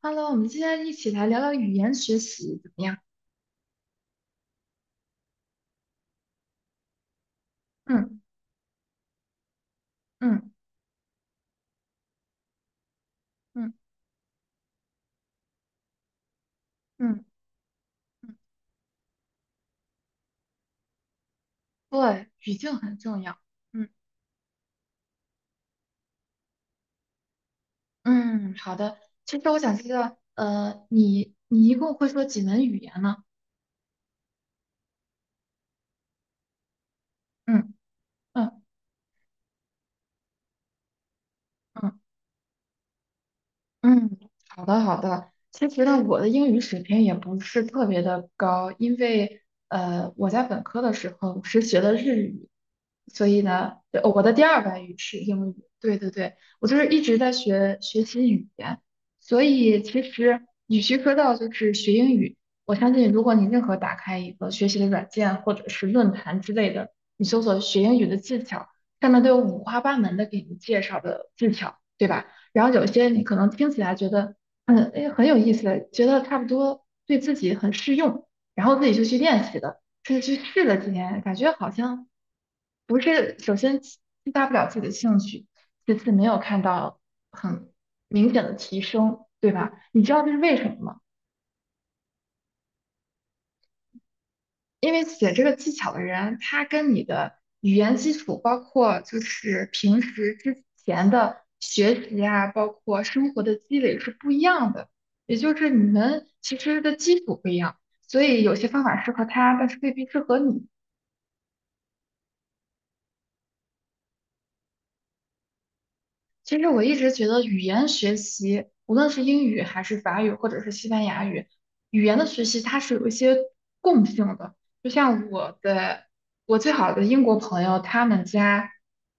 Hello，我们今天一起来聊聊语言学习怎么样？嗯。嗯。嗯。嗯。嗯。对，语境很重要。嗯。嗯，好的。其实我想知道，你一共会说几门语言呢？嗯。嗯。嗯。嗯，好的好的。其实呢，我的英语水平也不是特别的高，因为我在本科的时候是学的日语，所以呢，对我的第二外语是英语。对对对，我就是一直在学习语言，所以其实与其说到就是学英语，我相信如果你任何打开一个学习的软件或者是论坛之类的，你搜索学英语的技巧，上面都有五花八门的给你介绍的技巧，对吧？然后有些你可能听起来觉得，嗯，哎，很有意思，觉得差不多对自己很适用，然后自己就去练习了，是去试了几年，感觉好像不是，首先激发不了自己的兴趣，其次没有看到很明显的提升，对吧？你知道这是为什么吗？因为写这个技巧的人，他跟你的语言基础，包括就是平时之前的学习啊，包括生活的积累是不一样的，也就是你们其实的基础不一样，所以有些方法适合他，但是未必适合你。其实我一直觉得语言学习，无论是英语还是法语或者是西班牙语，语言的学习它是有一些共性的。就像我最好的英国朋友，他们家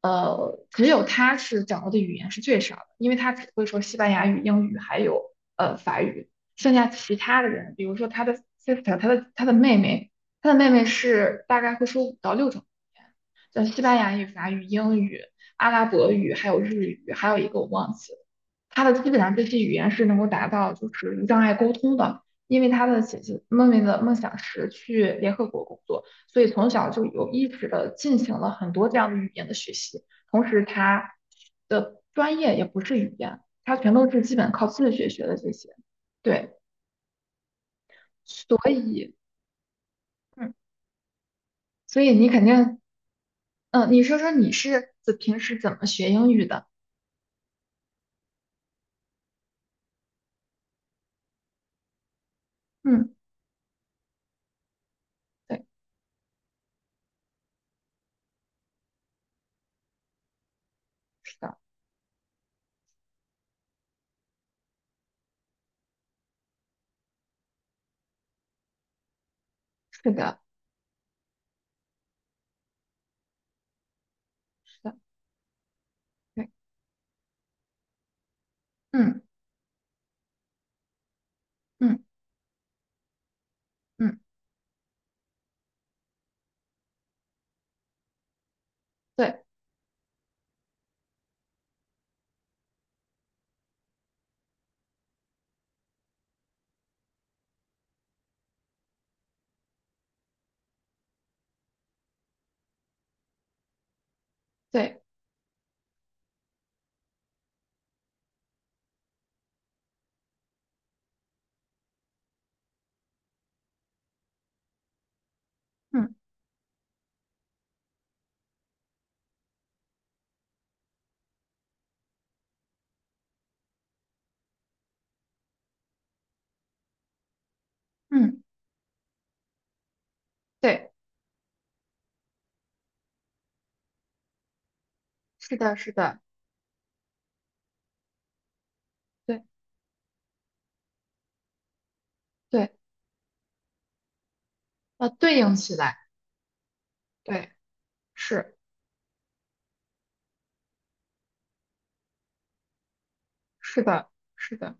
只有他是掌握的语言是最少的，因为他只会说西班牙语、英语还有法语，剩下其他的人，比如说他的 sister，他的妹妹，他的妹妹是大概会说5到6种语言，像西班牙语、法语、英语。阿拉伯语，还有日语，还有一个我忘记了。他的基本上这些语言是能够达到就是无障碍沟通的，因为他的姐姐妹妹的梦想是去联合国工作，所以从小就有意识的进行了很多这样的语言的学习。同时，他的专业也不是语言，他全都是基本靠自学学的这些。对，所以，嗯，所以你肯定，嗯，你说说你是平时怎么学英语的？嗯，对，是的，是的，是的，对。嗯。嗯。嗯，对对，嗯。嗯对，是的，是的，对对，要对应起来，对，是是的，是的，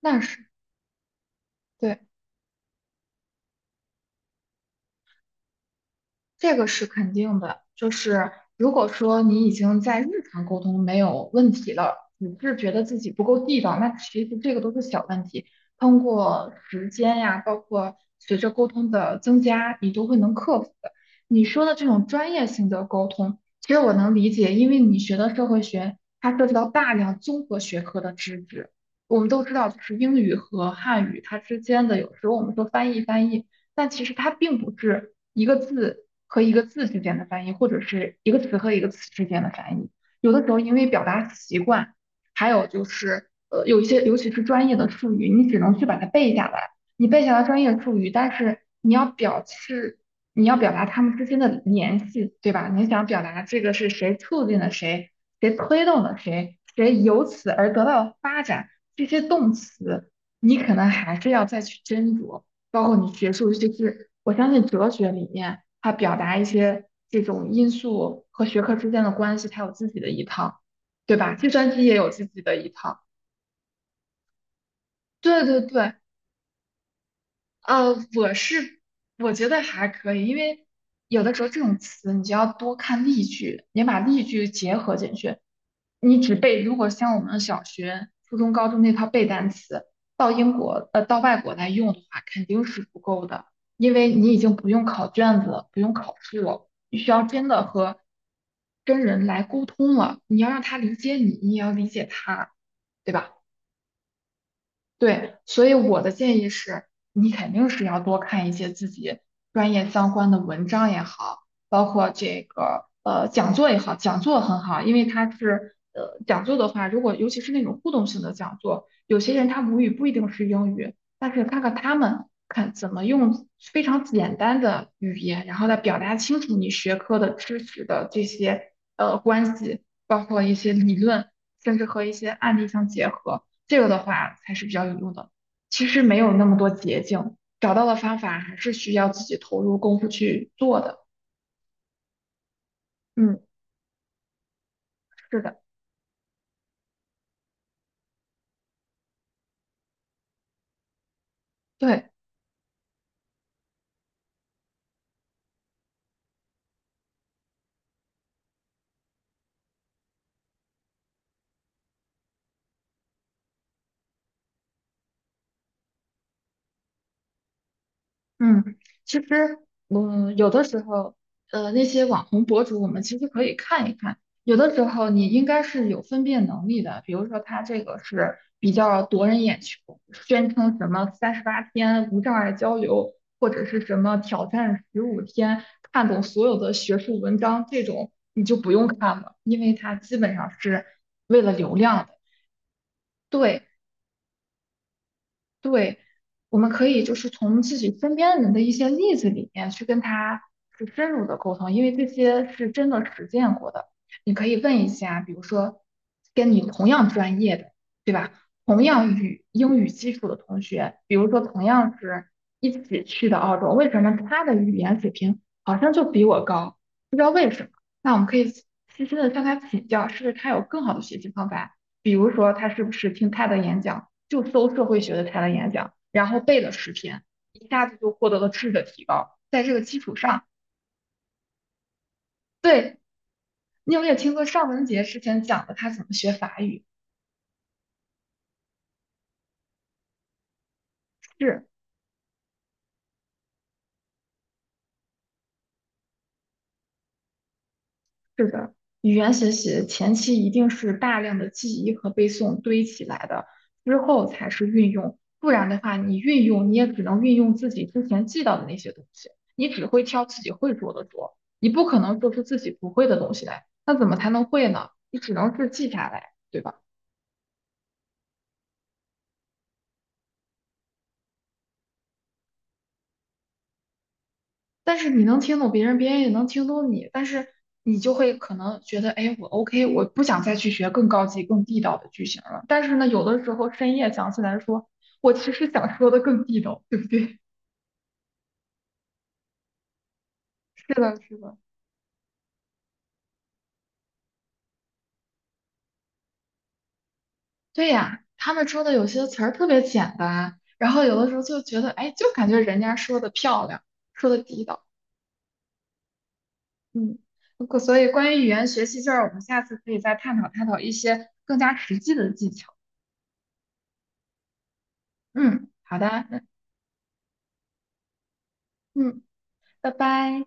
那是对。这个是肯定的，就是如果说你已经在日常沟通没有问题了，只是觉得自己不够地道，那其实这个都是小问题。通过时间呀，包括随着沟通的增加，你都会能克服的。你说的这种专业性的沟通，其实我能理解，因为你学的社会学，它涉及到大量综合学科的知识。我们都知道，就是英语和汉语它之间的，有时候我们说翻译翻译。但其实它并不是一个字和一个字之间的翻译，或者是一个词和一个词之间的翻译。有的时候因为表达习惯，还有就是有一些尤其是专业的术语，你只能去把它背下来。你背下来专业术语，但是你要表达它们之间的联系，对吧？你想表达这个是谁促进了谁，谁推动了谁，谁由此而得到了发展，这些动词你可能还是要再去斟酌。包括你学术，就是我相信哲学里面，它表达一些这种因素和学科之间的关系，它有自己的一套，对吧？计算机也有自己的一套。对对对，呃，我是我觉得还可以，因为有的时候这种词你就要多看例句，也把例句结合进去。你只背，如果像我们小学、初中、高中那套背单词，到英国呃到外国来用的话，肯定是不够的，因为你已经不用考卷子了，不用考试了，你需要真的跟人来沟通了，你要让他理解你，你也要理解他，对吧？对，所以我的建议是，你肯定是要多看一些自己专业相关的文章也好，包括这个讲座也好，讲座很好，因为它是讲座的话，如果尤其是那种互动性的讲座，有些人他母语不一定是英语，但是看看他们看怎么用非常简单的语言，然后来表达清楚你学科的知识的这些关系，包括一些理论，甚至和一些案例相结合。这个的话才是比较有用的。其实没有那么多捷径，找到的方法还是需要自己投入功夫去做的。嗯，是的，对。嗯，其实嗯，有的时候，那些网红博主，我们其实可以看一看。有的时候你应该是有分辨能力的，比如说他这个是比较夺人眼球，宣称什么38天无障碍交流，或者是什么挑战15天看懂所有的学术文章，这种你就不用看了，因为它基本上是为了流量的。对，对，我们可以就是从自己身边人的一些例子里面去跟他去深入的沟通，因为这些是真的实践过的。你可以问一下，比如说跟你同样专业的，对吧？同样英语基础的同学，比如说同样是一起去的澳洲，为什么他的语言水平好像就比我高？不知道为什么。那我们可以细心的向他请教，是不是他有更好的学习方法？比如说他是不是听他的演讲？就搜社会学的材料演讲，然后背了10篇，一下子就获得了质的提高。在这个基础上，对你有没有听过尚雯婕之前讲的她怎么学法语？是是的，语言学习前期一定是大量的记忆和背诵堆起来的，之后才是运用。不然的话，你运用你也只能运用自己之前记到的那些东西，你只会挑自己会做的说，你不可能做出自己不会的东西来。那怎么才能会呢？你只能是记下来，对吧？但是你能听懂别人，别人也能听懂你，但是你就会可能觉得，哎，我 OK，我不想再去学更高级、更地道的句型了。但是呢，有的时候深夜想起来说，我其实想说的更地道，对不对？是的，是的，对呀，他们说的有些词儿特别简单，然后有的时候就觉得，哎，就感觉人家说的漂亮，说的地道，嗯，可所以关于语言学习就是我们下次可以再探讨探讨一些更加实际的技巧。嗯，好的，那嗯，拜拜。